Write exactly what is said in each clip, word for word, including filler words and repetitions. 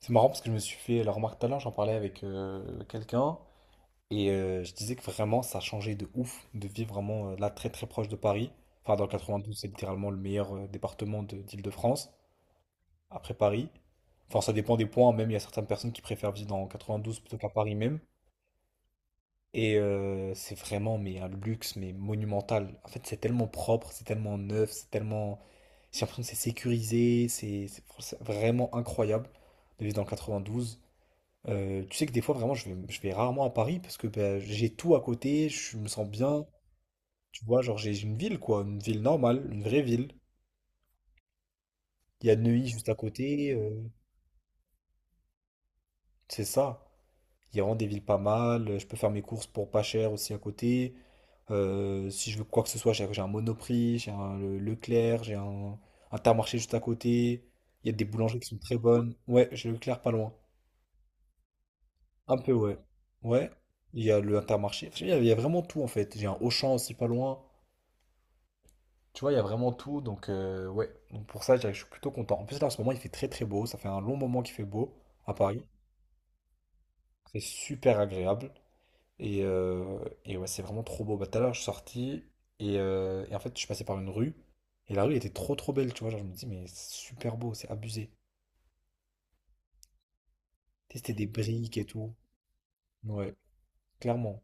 C'est marrant parce que je me suis fait la remarque tout à l'heure, j'en parlais avec euh, quelqu'un et euh, je disais que vraiment ça a changé de ouf de vivre vraiment euh, là très très proche de Paris. Enfin, dans le quatre-vingt-douze, c'est littéralement le meilleur euh, département de- d'Île-de-France après Paris. Enfin, ça dépend des points, même il y a certaines personnes qui préfèrent vivre dans quatre-vingt-douze plutôt qu'à Paris même. Et euh, c'est vraiment mais un luxe mais monumental. En fait, c'est tellement propre, c'est tellement neuf, c'est tellement. J'ai l'impression que c'est sécurisé, c'est c'est- c'est vraiment incroyable de vivre dans le quatre-vingt-douze. Euh, tu sais que des fois, vraiment, je vais, je vais rarement à Paris parce que ben, j'ai tout à côté, je me sens bien. Tu vois, genre, j'ai j'ai une ville, quoi, une ville normale, une vraie ville. Il y a Neuilly juste à côté, euh, c'est ça. Il y a vraiment des villes pas mal. Je peux faire mes courses pour pas cher aussi à côté. Euh, si je veux quoi que ce soit, j'ai j'ai un Monoprix, j'ai un Le- Leclerc, j'ai un Intermarché juste à côté. Il y a des boulangeries qui sont très bonnes. Ouais, j'ai Leclerc pas loin. Un peu, ouais. Ouais, il y a le Intermarché. Enfin, Il y a il y a vraiment tout en fait. J'ai un Auchan aussi pas loin. Tu vois, il y a vraiment tout. Donc, euh, ouais. Donc, pour ça, je dirais que je suis plutôt content. En plus, là, en ce moment, il fait très très beau. Ça fait un long moment qu'il fait beau à Paris. C'est super agréable. Et, euh, et ouais, c'est vraiment trop beau. Bah, tout à l'heure, je suis sorti. Et, euh, et en fait, je suis passé par une rue. Et la rue était trop trop belle. Tu vois, genre, je me dis, mais c'est super beau. C'est abusé. Tu sais, c'était des briques et tout. Ouais, clairement.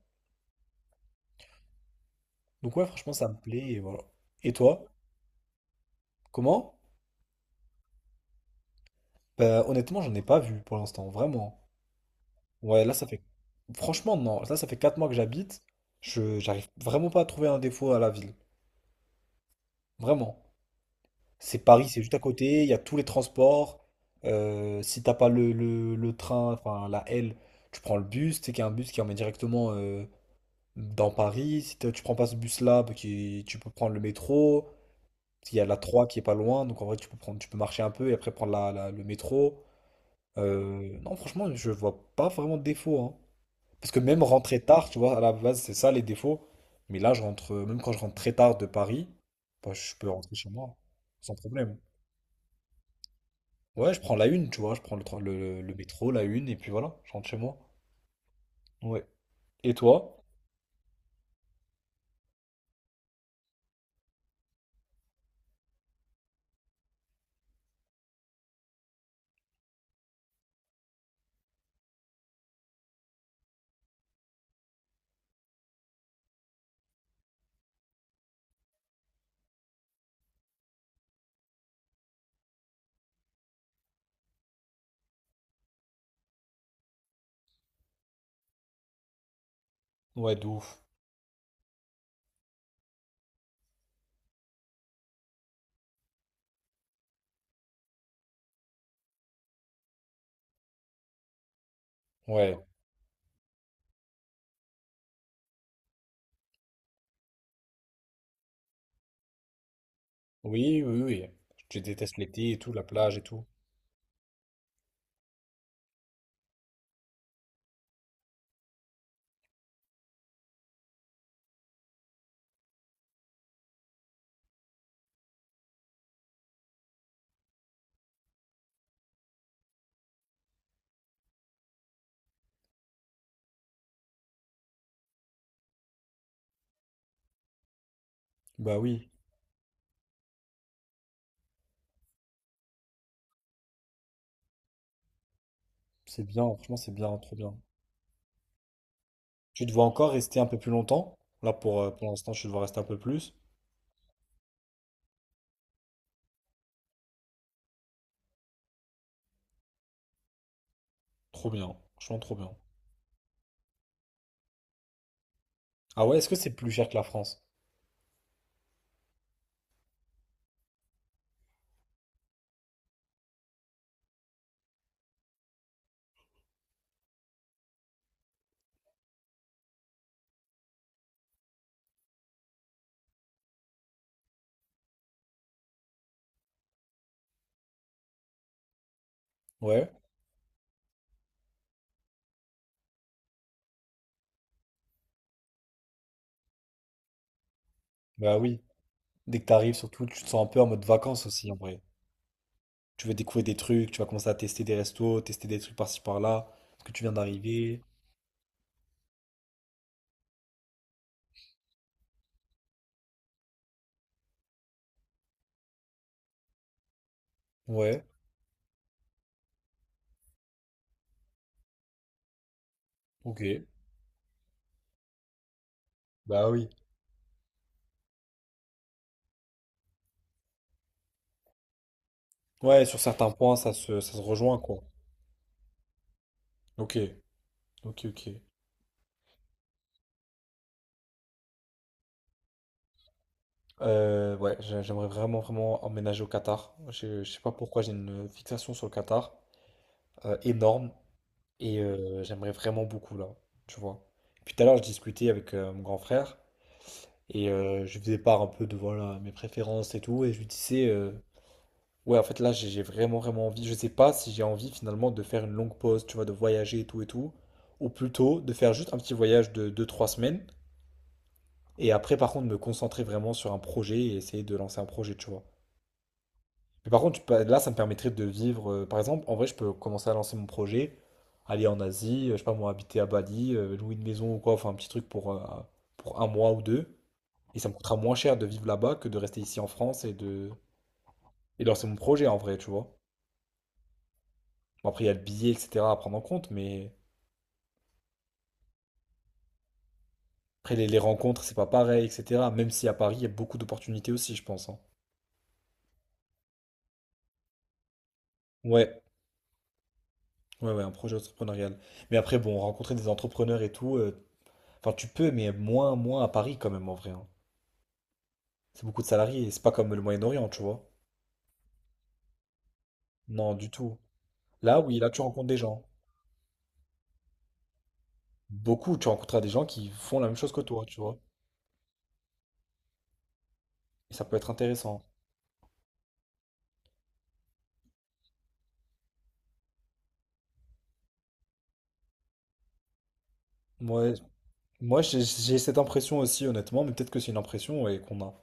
Donc, ouais, franchement, ça me plaît. Et voilà. Et toi, comment? Bah, honnêtement, j'en ai pas vu pour l'instant. Vraiment. Ouais, là, ça fait… Franchement, non. Là, ça fait quatre mois que j'habite. Je… J'arrive vraiment pas à trouver un défaut à la ville. Vraiment. C'est Paris, c'est juste à côté. Il y a tous les transports. Euh, si t'as pas le, le, le train, enfin la L, tu prends le bus. Tu sais qu'il y a un bus qui emmène directement euh, dans Paris. Si t'as- tu prends pas ce bus-là, bah, qui… tu peux prendre le métro. Il y a la trois qui est pas loin. Donc, en vrai, tu peux prendre… tu peux marcher un peu et après prendre la, la- le métro. Euh, Non, franchement, je vois pas vraiment de défaut, hein. Parce que même rentrer tard, tu vois, à la base, c'est ça les défauts. Mais là, je rentre, euh, même quand je rentre très tard de Paris, bah, je peux rentrer chez moi, sans problème. Ouais, je prends la une, tu vois, je prends le, tra- le, le métro, la une, et puis voilà, je rentre chez moi. Ouais. Et toi? Ouais, de ouf. Ouais. Oui, oui, oui. Tu détestes l'été et tout, la plage et tout. Bah oui, c'est bien, franchement, c'est bien, trop bien. Tu te vois encore rester un peu plus longtemps? Là, pour, euh, pour l'instant, je te vois rester un peu plus. Trop bien, franchement, trop bien. Ah ouais, est-ce que c'est plus cher que la France? Ouais. Bah oui. Dès que t'arrives, surtout, tu te sens un peu en mode vacances aussi, en vrai. Tu veux découvrir des trucs, tu vas commencer à tester des restos, tester des trucs par-ci par-là, parce que tu viens d'arriver. Ouais, ok. Bah oui. Ouais, sur certains points, ça se, ça se rejoint, quoi. Ok, ok, ok. Euh, ouais, j'a- j'aimerais vraiment, vraiment emménager au Qatar. Je, je sais pas pourquoi, j'ai une fixation sur le Qatar, euh, énorme, et euh, j'aimerais vraiment beaucoup, là, tu vois. Puis tout à l'heure, je discutais avec euh, mon grand frère, et euh, je lui faisais part un peu de, voilà, mes préférences et tout, et je lui disais… euh, Ouais, en fait, là, j'ai j'ai vraiment, vraiment envie. Je sais pas si j'ai envie finalement de faire une longue pause, tu vois, de voyager et tout et tout. Ou plutôt de faire juste un petit voyage de deux trois semaines. Et après, par contre, me concentrer vraiment sur un projet et essayer de lancer un projet, tu vois. Mais par contre, tu peux- là, ça me permettrait de vivre. Euh, par exemple, en vrai, je peux commencer à lancer mon projet, aller en Asie, euh, je sais pas moi, habiter à Bali, euh, louer une maison ou quoi, enfin, un petit truc pour, euh, pour un mois ou deux. Et ça me coûtera moins cher de vivre là-bas que de rester ici en France et de, et de lancer mon projet en vrai, tu vois. Bon, après, il y a le billet, et cetera à prendre en compte, mais après, les, les rencontres, c'est pas pareil, et cetera. Même si à Paris, il y a beaucoup d'opportunités aussi, je pense, hein. Ouais, ouais, ouais, un projet entrepreneurial. Mais après, bon, rencontrer des entrepreneurs et tout, euh, enfin, tu peux, mais moins, moins à Paris quand même, en vrai, hein. C'est beaucoup de salariés, c'est pas comme le Moyen-Orient, tu vois. Non, du tout. Là, oui, là, tu rencontres des gens. Beaucoup, tu rencontreras des gens qui font la même chose que toi, tu vois. Et ça peut être intéressant. Moi, moi, j'ai j'ai cette impression aussi, honnêtement, mais peut-être que c'est une impression et qu'on a.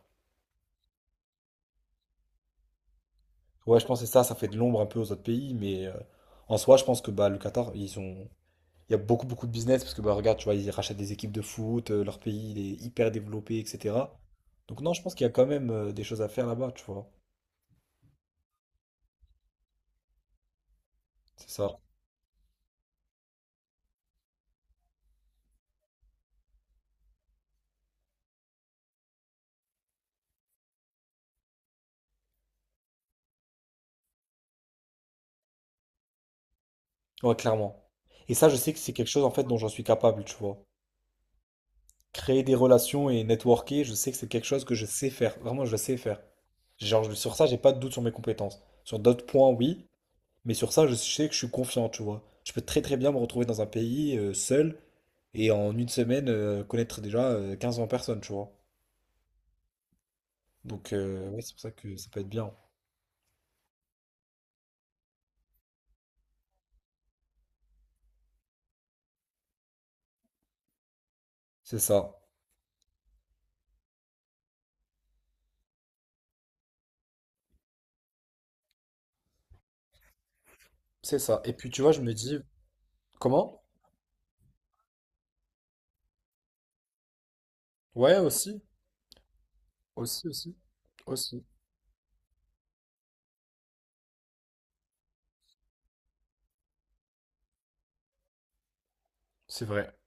Ouais, je pense que c'est ça, ça fait de l'ombre un peu aux autres pays, mais euh, en soi, je pense que bah, le Qatar, ils ont… il y a beaucoup, beaucoup de business, parce que bah, regarde, tu vois, ils rachètent des équipes de foot, euh, leur pays, il est hyper développé, et cetera. Donc non, je pense qu'il y a quand même euh, des choses à faire là-bas, tu vois. C'est ça. Ouais, clairement. Et ça, je sais que c'est quelque chose, en fait, dont j'en suis capable, tu vois. Créer des relations et networker, je sais que c'est quelque chose que je sais faire. Vraiment, je sais faire. Genre, je- sur ça, j'ai pas de doute sur mes compétences. Sur d'autres points, oui, mais sur ça, je sais que je suis confiant, tu vois. Je peux très très bien me retrouver dans un pays euh, seul. Et en une semaine, euh, connaître déjà euh, quinze vingt personnes, tu vois. Donc, euh, ouais, c'est pour ça que ça peut être bien. C'est ça. C'est ça. Et puis, tu vois, je me dis, comment? Ouais, aussi. Aussi, aussi. Aussi. C'est vrai.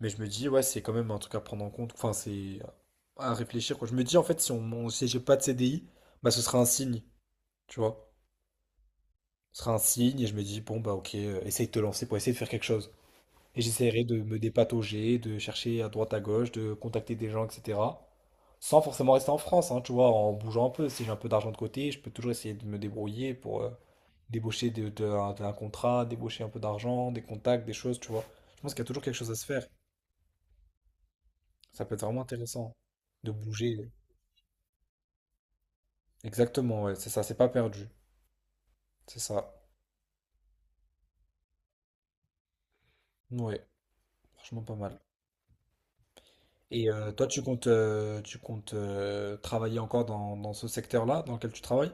Mais je me dis, ouais, c'est quand même un truc à prendre en compte. Enfin, c'est à réfléchir, quoi. Je me dis, en fait, si on, on- si j'ai pas de C D I, bah, ce sera un signe, tu vois. Ce sera un signe, et je me dis, bon, bah, ok, euh, essaye de te lancer pour essayer de faire quelque chose. Et j'essaierai de me dépatauger, de chercher à droite à gauche, de contacter des gens, et cetera. Sans forcément rester en France, hein, tu vois, en bougeant un peu. Si j'ai un peu d'argent de côté, je peux toujours essayer de me débrouiller pour euh, débaucher de, de un, d'un contrat, débaucher un peu d'argent, des contacts, des choses, tu vois. Je pense qu'il y a toujours quelque chose à se faire. Ça peut être vraiment intéressant de bouger. Exactement, ouais, c'est ça, c'est pas perdu. C'est ça. Ouais, franchement pas mal. Et euh, toi, tu comptes, euh, tu comptes euh, travailler encore dans, dans ce secteur-là dans lequel tu travailles?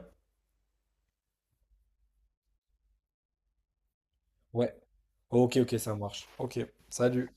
Ouais. Ok, ok, ça marche. Ok, salut.